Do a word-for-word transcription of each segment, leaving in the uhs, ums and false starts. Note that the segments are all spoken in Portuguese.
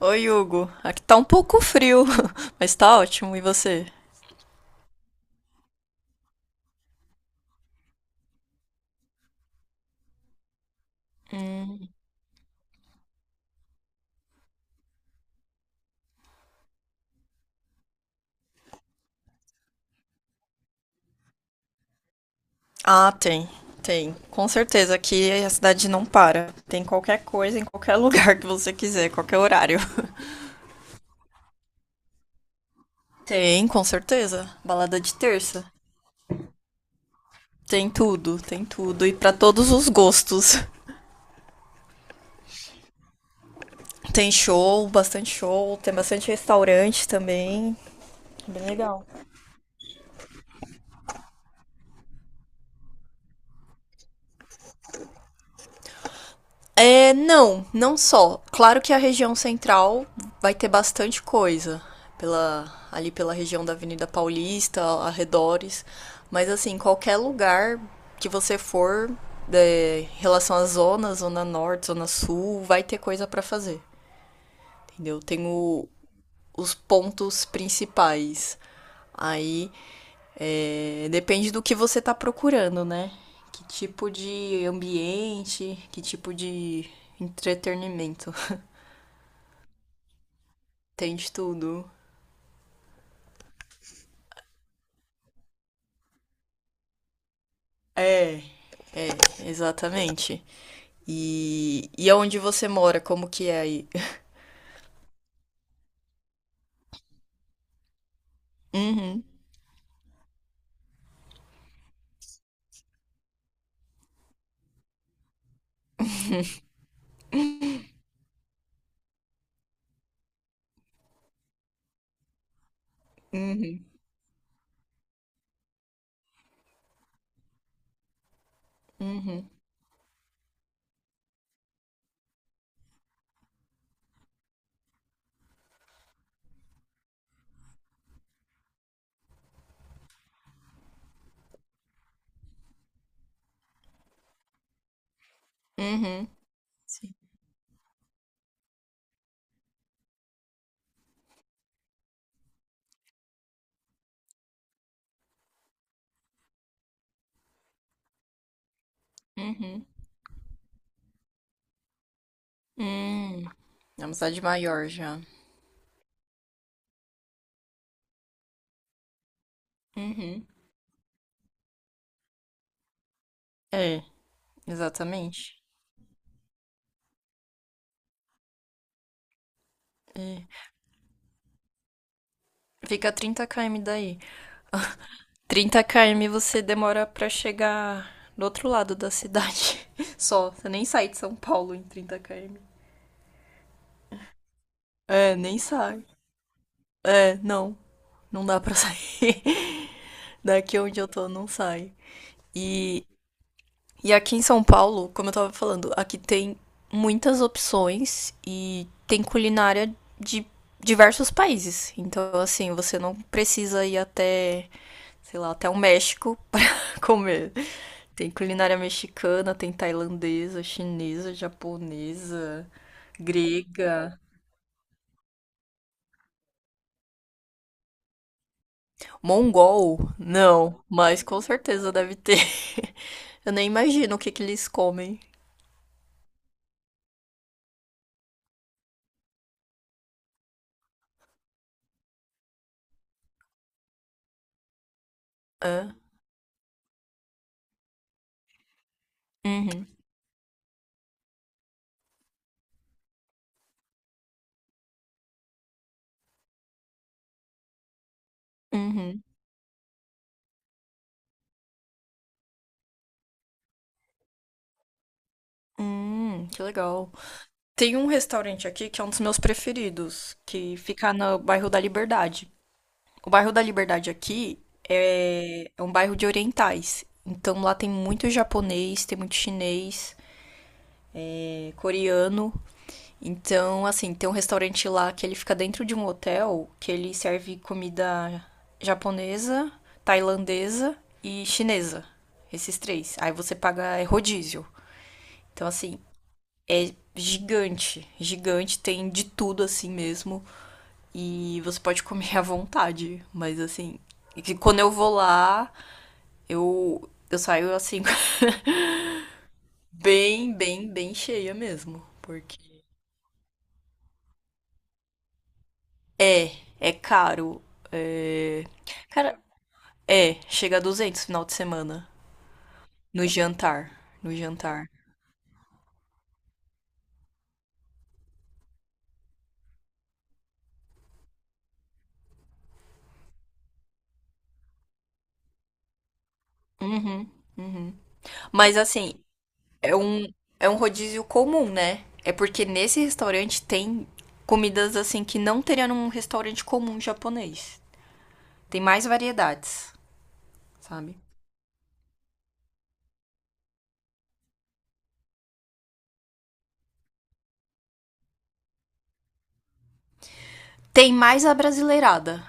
Oi, Hugo. Aqui tá um pouco frio, mas tá ótimo. E você? Hum. Ah, tem, tem. Com certeza aqui a cidade não para. Tem qualquer coisa em qualquer lugar que você quiser, qualquer horário. Tem, com certeza. Balada de terça. Tem tudo, tem tudo. E pra todos os gostos. Tem show, bastante show. Tem bastante restaurante também. Bem legal. É, não, não só. Claro que a região central vai ter bastante coisa, pela, ali pela região da Avenida Paulista, arredores, mas assim, qualquer lugar que você for, é, em relação à zona, zona norte, zona sul, vai ter coisa pra fazer, entendeu? Tem o- os pontos principais. Aí é, depende do que você está procurando, né? Que tipo de ambiente, que tipo de entretenimento. Tem de tudo. É, é, exatamente. E, e aonde você mora, como que é aí? Uhum, uhum, uhum, uhum, sim, uhum, hum. É uma cidade maior já. Uhum. É, exatamente. É. Fica a trinta quilômetros daí. Trinta km você demora pra chegar do outro lado da cidade. Só. Você nem sai de São Paulo em trinta quilômetros. É, nem sai. É, não. Não dá pra sair. Daqui onde eu tô, não sai. E E aqui em São Paulo, como eu tava falando, aqui tem muitas opções e tem culinária de diversos países. Então, assim, você não precisa ir até, sei lá, até o México pra comer. Tem culinária mexicana, tem tailandesa, chinesa, japonesa, grega. Mongol? Não, mas com certeza deve ter. Eu nem imagino o que que eles comem. É. Uhum, uhum. Hum, que legal. Tem um restaurante aqui que é um dos meus preferidos, que fica no bairro da Liberdade. O bairro da Liberdade aqui é, é um bairro de orientais. Então lá tem muito japonês, tem muito chinês, é, coreano. Então, assim, tem um restaurante lá que ele fica dentro de um hotel que ele serve comida japonesa, tailandesa e chinesa. Esses três. Aí você paga é rodízio. Então, assim, gigante, gigante, tem de tudo assim mesmo. E você pode comer à vontade, mas assim, e quando eu vou lá, eu eu saio assim bem, bem, bem cheia mesmo, porque é, é caro. É. Cara, é, chega a duzentos final de semana no jantar, no jantar. Uhum, uhum. Mas assim, É um, é um rodízio comum, né? É porque nesse restaurante tem comidas assim que não teria num restaurante comum japonês. Tem mais variedades, sabe? Tem mais a brasileirada.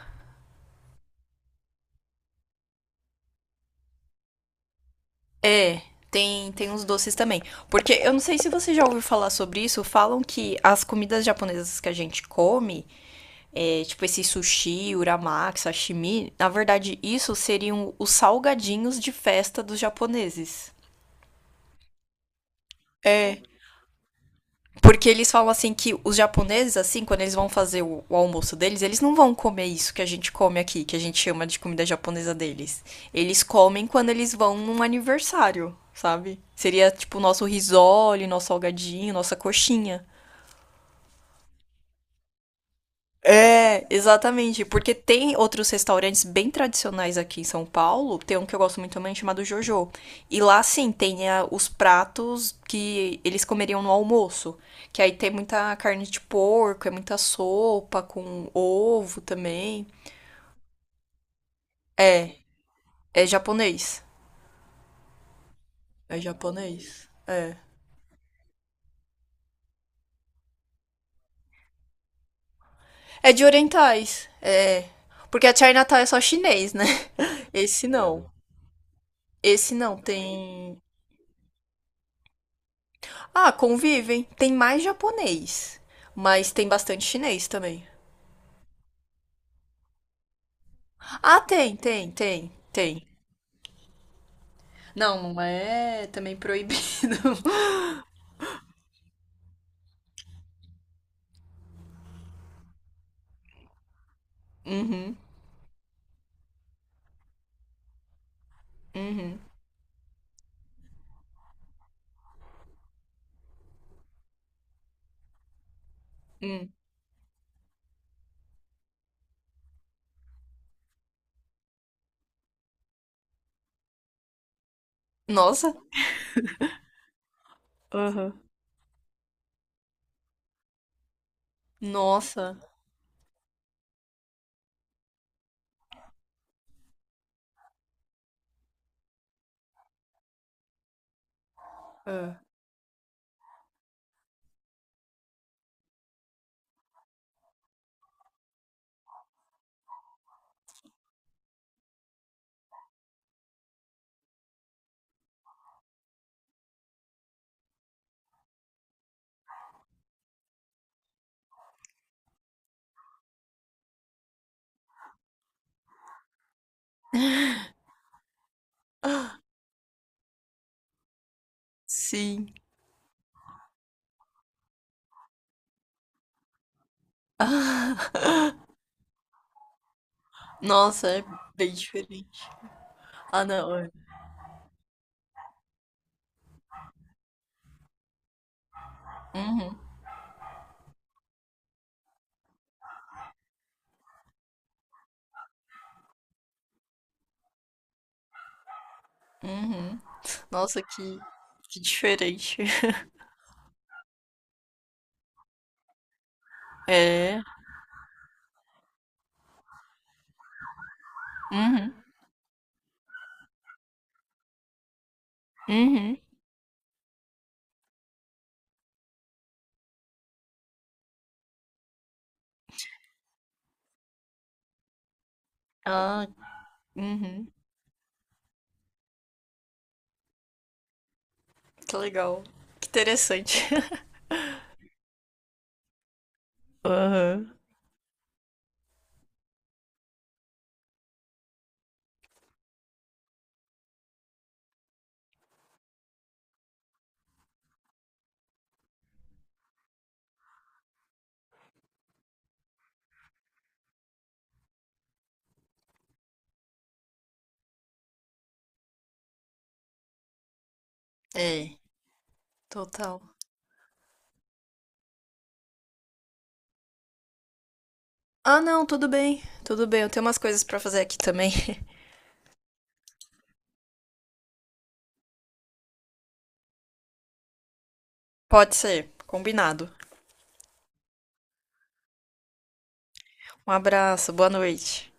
É, tem, tem uns doces também. Porque eu não sei se você já ouviu falar sobre isso, falam que as comidas japonesas que a gente come, é, tipo esse sushi, uramaki, sashimi, na verdade isso seriam os salgadinhos de festa dos japoneses. É. Porque eles falam assim que os japoneses, assim, quando eles vão fazer o, o almoço deles, eles não vão comer isso que a gente come aqui, que a gente chama de comida japonesa deles. Eles comem quando eles vão num aniversário, sabe? Seria tipo o nosso risole, nosso salgadinho, nossa coxinha. É, exatamente, porque tem outros restaurantes bem tradicionais aqui em São Paulo, tem um que eu gosto muito também chamado Jojo. E lá sim, tem ah, os pratos que eles comeriam no almoço, que aí tem muita carne de porco, é muita sopa com ovo também. É, é japonês. É japonês. É. É de orientais. É. Porque a Chinatown é só chinês, né? Esse não. Esse não tem Ah, convivem. Tem mais japonês, mas tem bastante chinês também. Ah, tem, tem, tem, tem. Não, não é também proibido. Uhum, uhum, uhum. Nossa. Aham. Nossa. Ah, sim. Ah. Nossa, é bem diferente. Ah, não. É. Nossa, que, que diferente. É. Uhum, uhum. Ah, uhum. Que legal. Que interessante. Aham. É, total. Ah, não, tudo bem. Tudo bem, eu tenho umas coisas pra fazer aqui também. Pode ser, combinado. Um abraço, boa noite.